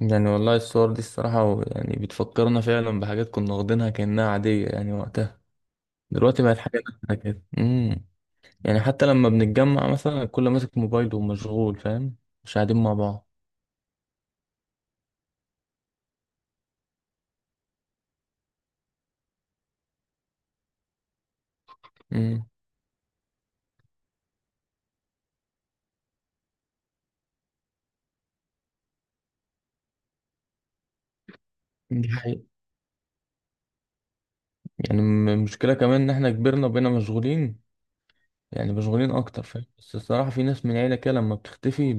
يعني والله الصور دي الصراحة يعني بتفكرنا فعلا بحاجات كنا واخدينها كأنها عادية يعني وقتها. دلوقتي بقت حاجة نادرة كده. يعني حتى لما بنتجمع مثلا الكل ماسك موبايله ومشغول، فاهم؟ مش قاعدين مع بعض. امم. دي حقيقة. يعني المشكلة كمان إن احنا كبرنا وبقينا مشغولين، يعني مشغولين أكتر، فاهم؟ بس الصراحة في ناس من العيلة كده لما بتختفي،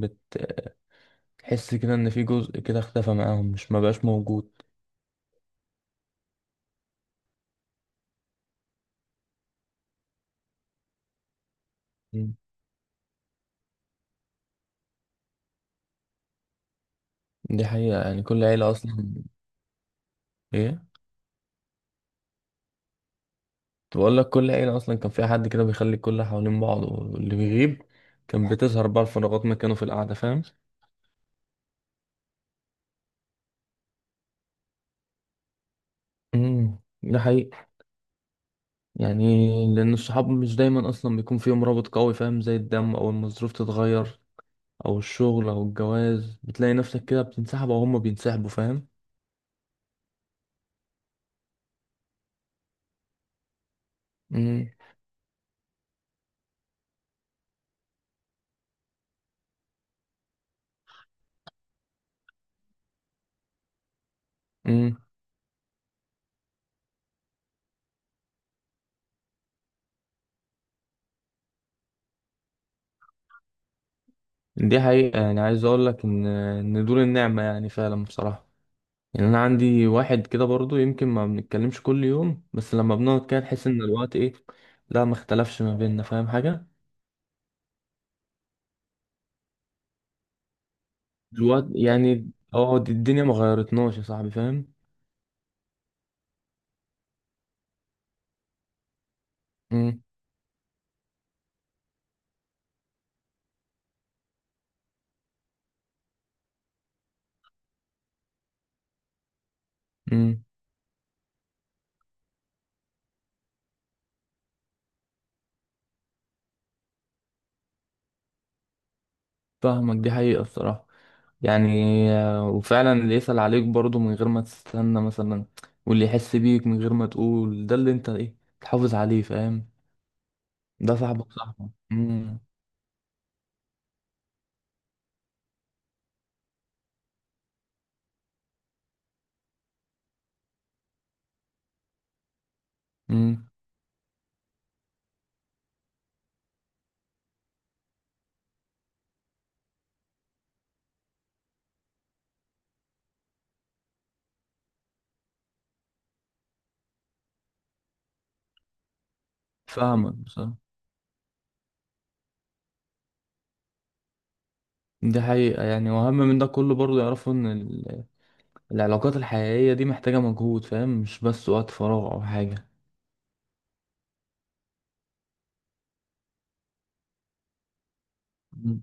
بتحس كده إن في جزء كده اختفى معاهم، مش مبقاش موجود. مم. دي حقيقة يعني كل عيلة أصلا. إيه، بقول لك كل عيلة أصلا كان فيها حد كده بيخلي الكل حوالين بعض، واللي بيغيب كان بتظهر بقى الفراغات مكانه في القعدة، فاهم؟ امم. ده حقيقي يعني، لأن الصحاب مش دايما أصلا بيكون فيهم رابط قوي، فاهم؟ زي الدم، أو المصروف تتغير أو الشغل أو الجواز، بتلاقي نفسك كده بتنسحب، أو هما بينسحبوا، فاهم؟ امم. امم. دي حقيقة، يعني عايز أقول لك إن دول النعمة، يعني فعلا بصراحة. يعني انا عندي واحد كده برضو يمكن ما بنتكلمش كل يوم، بس لما بنقعد كده نحس ان الوقت ايه، لا، ما اختلفش ما بيننا، فاهم حاجة؟ الوقت يعني اه، الدنيا ما غيرتناش يا صاحبي، فاهم؟ امم. امم. فاهمك. دي حقيقة الصراحة. يعني آه، وفعلا اللي يسأل عليك برضو من غير ما تستنى مثلا، واللي يحس بيك من غير ما تقول، ده اللي انت ايه، تحافظ عليه، فاهم؟ ده صاحبك صاحبك. امم. امم. فاهمك بصراحة. دي حقيقة، يعني وأهم من ده كله برضو يعرفوا إن العلاقات الحقيقية دي محتاجة مجهود، فاهم؟ مش بس وقت فراغ أو حاجة. مم.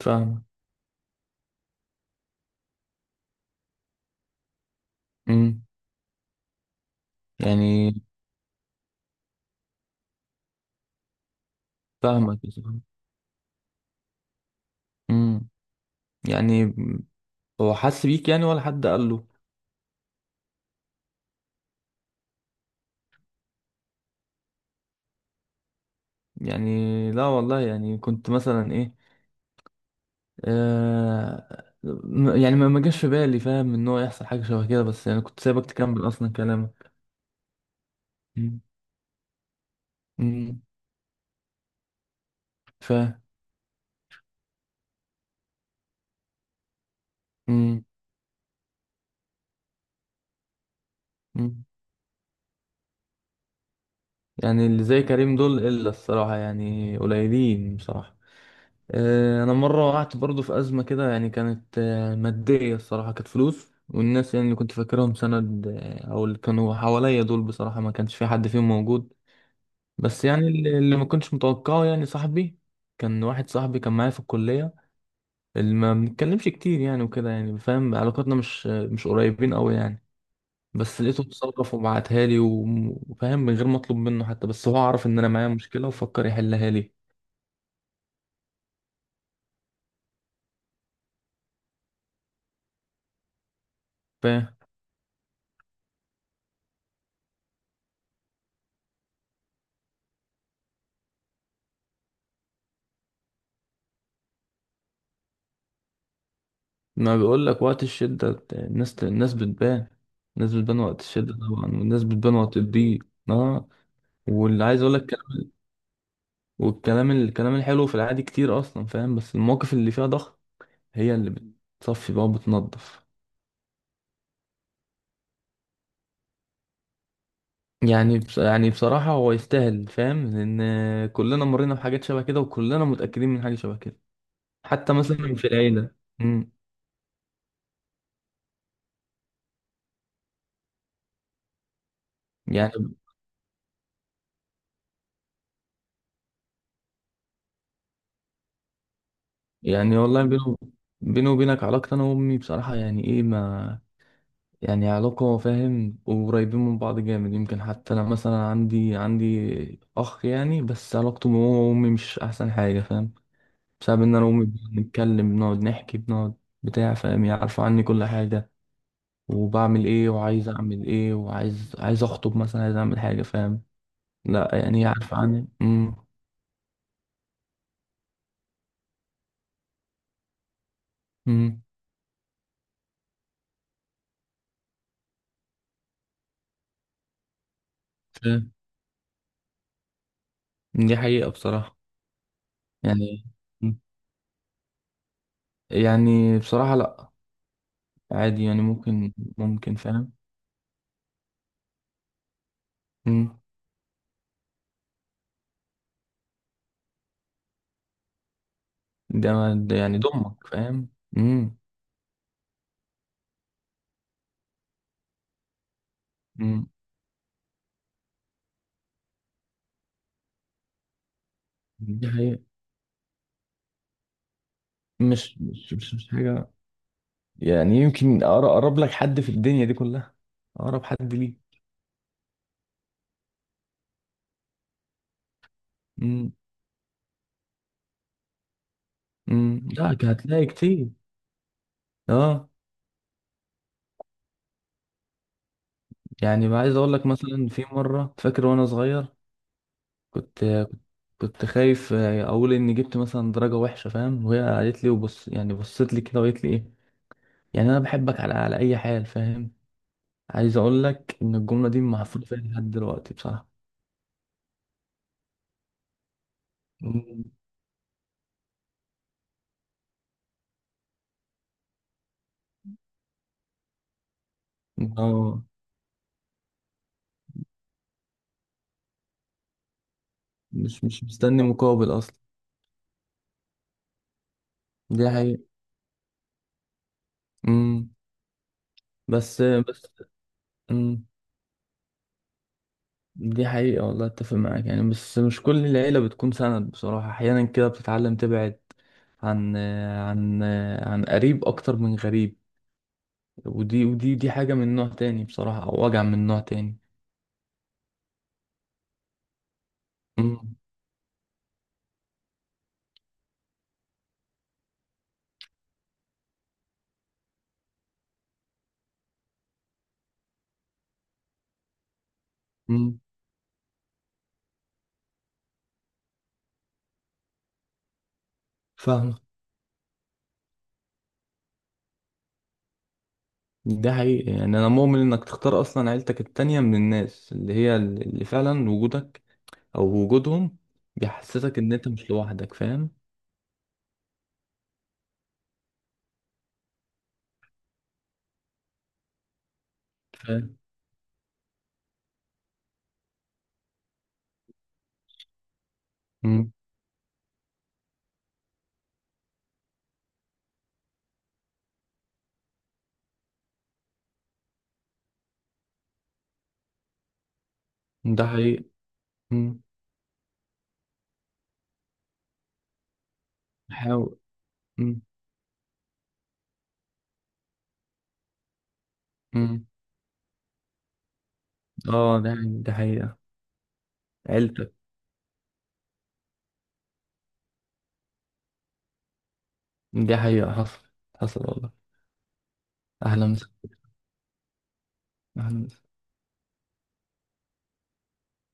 فاهمك. مم. يعني فاهمك يا صاحبي. مم. يعني هو حس بيك يعني، ولا حد قال له؟ يعني لا والله، يعني كنت مثلا إيه، آه، يعني ما جاش في بالي، فاهم؟ إن هو يحصل حاجة شبه كده، بس يعني كنت سايبك تكمل أصلا كلامك. مم. مم. فاهم. مم. مم. يعني اللي زي كريم دول إلا، الصراحة يعني قليلين بصراحة. آه، انا مره وقعت برضو في ازمه كده، يعني كانت آه، ماديه، الصراحه كانت فلوس، والناس يعني اللي كنت فاكرهم سند، آه، او اللي كانوا حواليا دول، بصراحه ما كانش في حد فيهم موجود. بس يعني اللي ما كنتش متوقعه يعني صاحبي، كان واحد صاحبي كان معايا في الكليه، اللي ما بنتكلمش كتير يعني، وكده يعني، فاهم؟ علاقاتنا مش قريبين قوي يعني. بس لقيته اتصرف وبعتها لي وفاهم، من غير ما اطلب منه حتى، بس هو عرف ان انا معايا مشكله وفكر يحلها لي. ما بقول لك وقت الشدة الناس، الناس بتبان. الناس بتبان وقت الشدة طبعا، والناس بتبان وقت الضيق. اه. واللي عايز اقول لك كلام، والكلام الكلام الحلو في العادي كتير اصلا، فاهم؟ بس المواقف اللي فيها ضغط هي اللي بتصفي بقى وبتنضف. يعني بص، يعني بصراحة هو يستاهل، فاهم؟ لأن كلنا مرينا بحاجات شبه كده، وكلنا متأكدين من حاجة شبه كده، حتى مثلا في العيلة. مم. يعني. يعني والله بينه بيني وبينك، علاقتي أنا وأمي بصراحة يعني إيه، ما يعني علاقة، فاهم؟ وقريبين من بعض جامد، يمكن حتى أنا مثلا عندي أخ يعني، بس علاقته بابا وأمي مش أحسن حاجة، فاهم؟ بسبب إن أنا وأمي بنتكلم، بنقعد نحكي، بنقعد بتاع، فاهم؟ يعني عارفة عني كل حاجة، وبعمل إيه وعايز أعمل إيه، وعايز أخطب مثلا، عايز أعمل حاجة، فاهم؟ لا يعني هي عارفة عني. أمم. أمم. فاهم. دي حقيقة بصراحة. يعني مم. يعني بصراحة لأ، عادي يعني ممكن. ممكن، فاهم؟ ده ما- ده يعني ضمك، فاهم؟ امم. امم. دي حقيقة. مش حاجة. يعني يمكن اقرب لك حد في الدنيا دي كلها، اقرب حد ليه. امم. امم. لا، هتلاقي كتير. اه، يعني بقى عايز اقول لك مثلا في مرة فاكر وانا صغير، كنت كنت خايف اقول اني جبت مثلا درجة وحشة، فاهم؟ وهي قالت لي وبص، يعني بصت لي كده وقالت لي ايه، يعني انا بحبك على اي حال، فاهم؟ عايز اقول لك ان الجملة دي محفورة فيها لحد دلوقتي بصراحة. اه. مش مستني مقابل اصلا. دي حقيقة. امم. بس بس. امم. دي حقيقة والله، اتفق معاك يعني، بس مش كل العيلة بتكون سند بصراحة، احيانا كده بتتعلم تبعد عن عن عن قريب اكتر من غريب، ودي حاجة من نوع تاني بصراحة، او وجع من نوع تاني. امم. امم. فاهمة. ده حقيقي، يعني انا مؤمن انك تختار اصلا عيلتك التانية من الناس، اللي هي اللي فعلا وجودك او وجودهم بيحسسك ان انت مش لوحدك، فاهم؟ فاهم. مم. ده حقيقي. مم. حاول. مم. مم. اه، ده حقيقة عيلتك. دي حقيقة حصل. حصل والله. اهلا وسهلا. أهلاً وسهلا.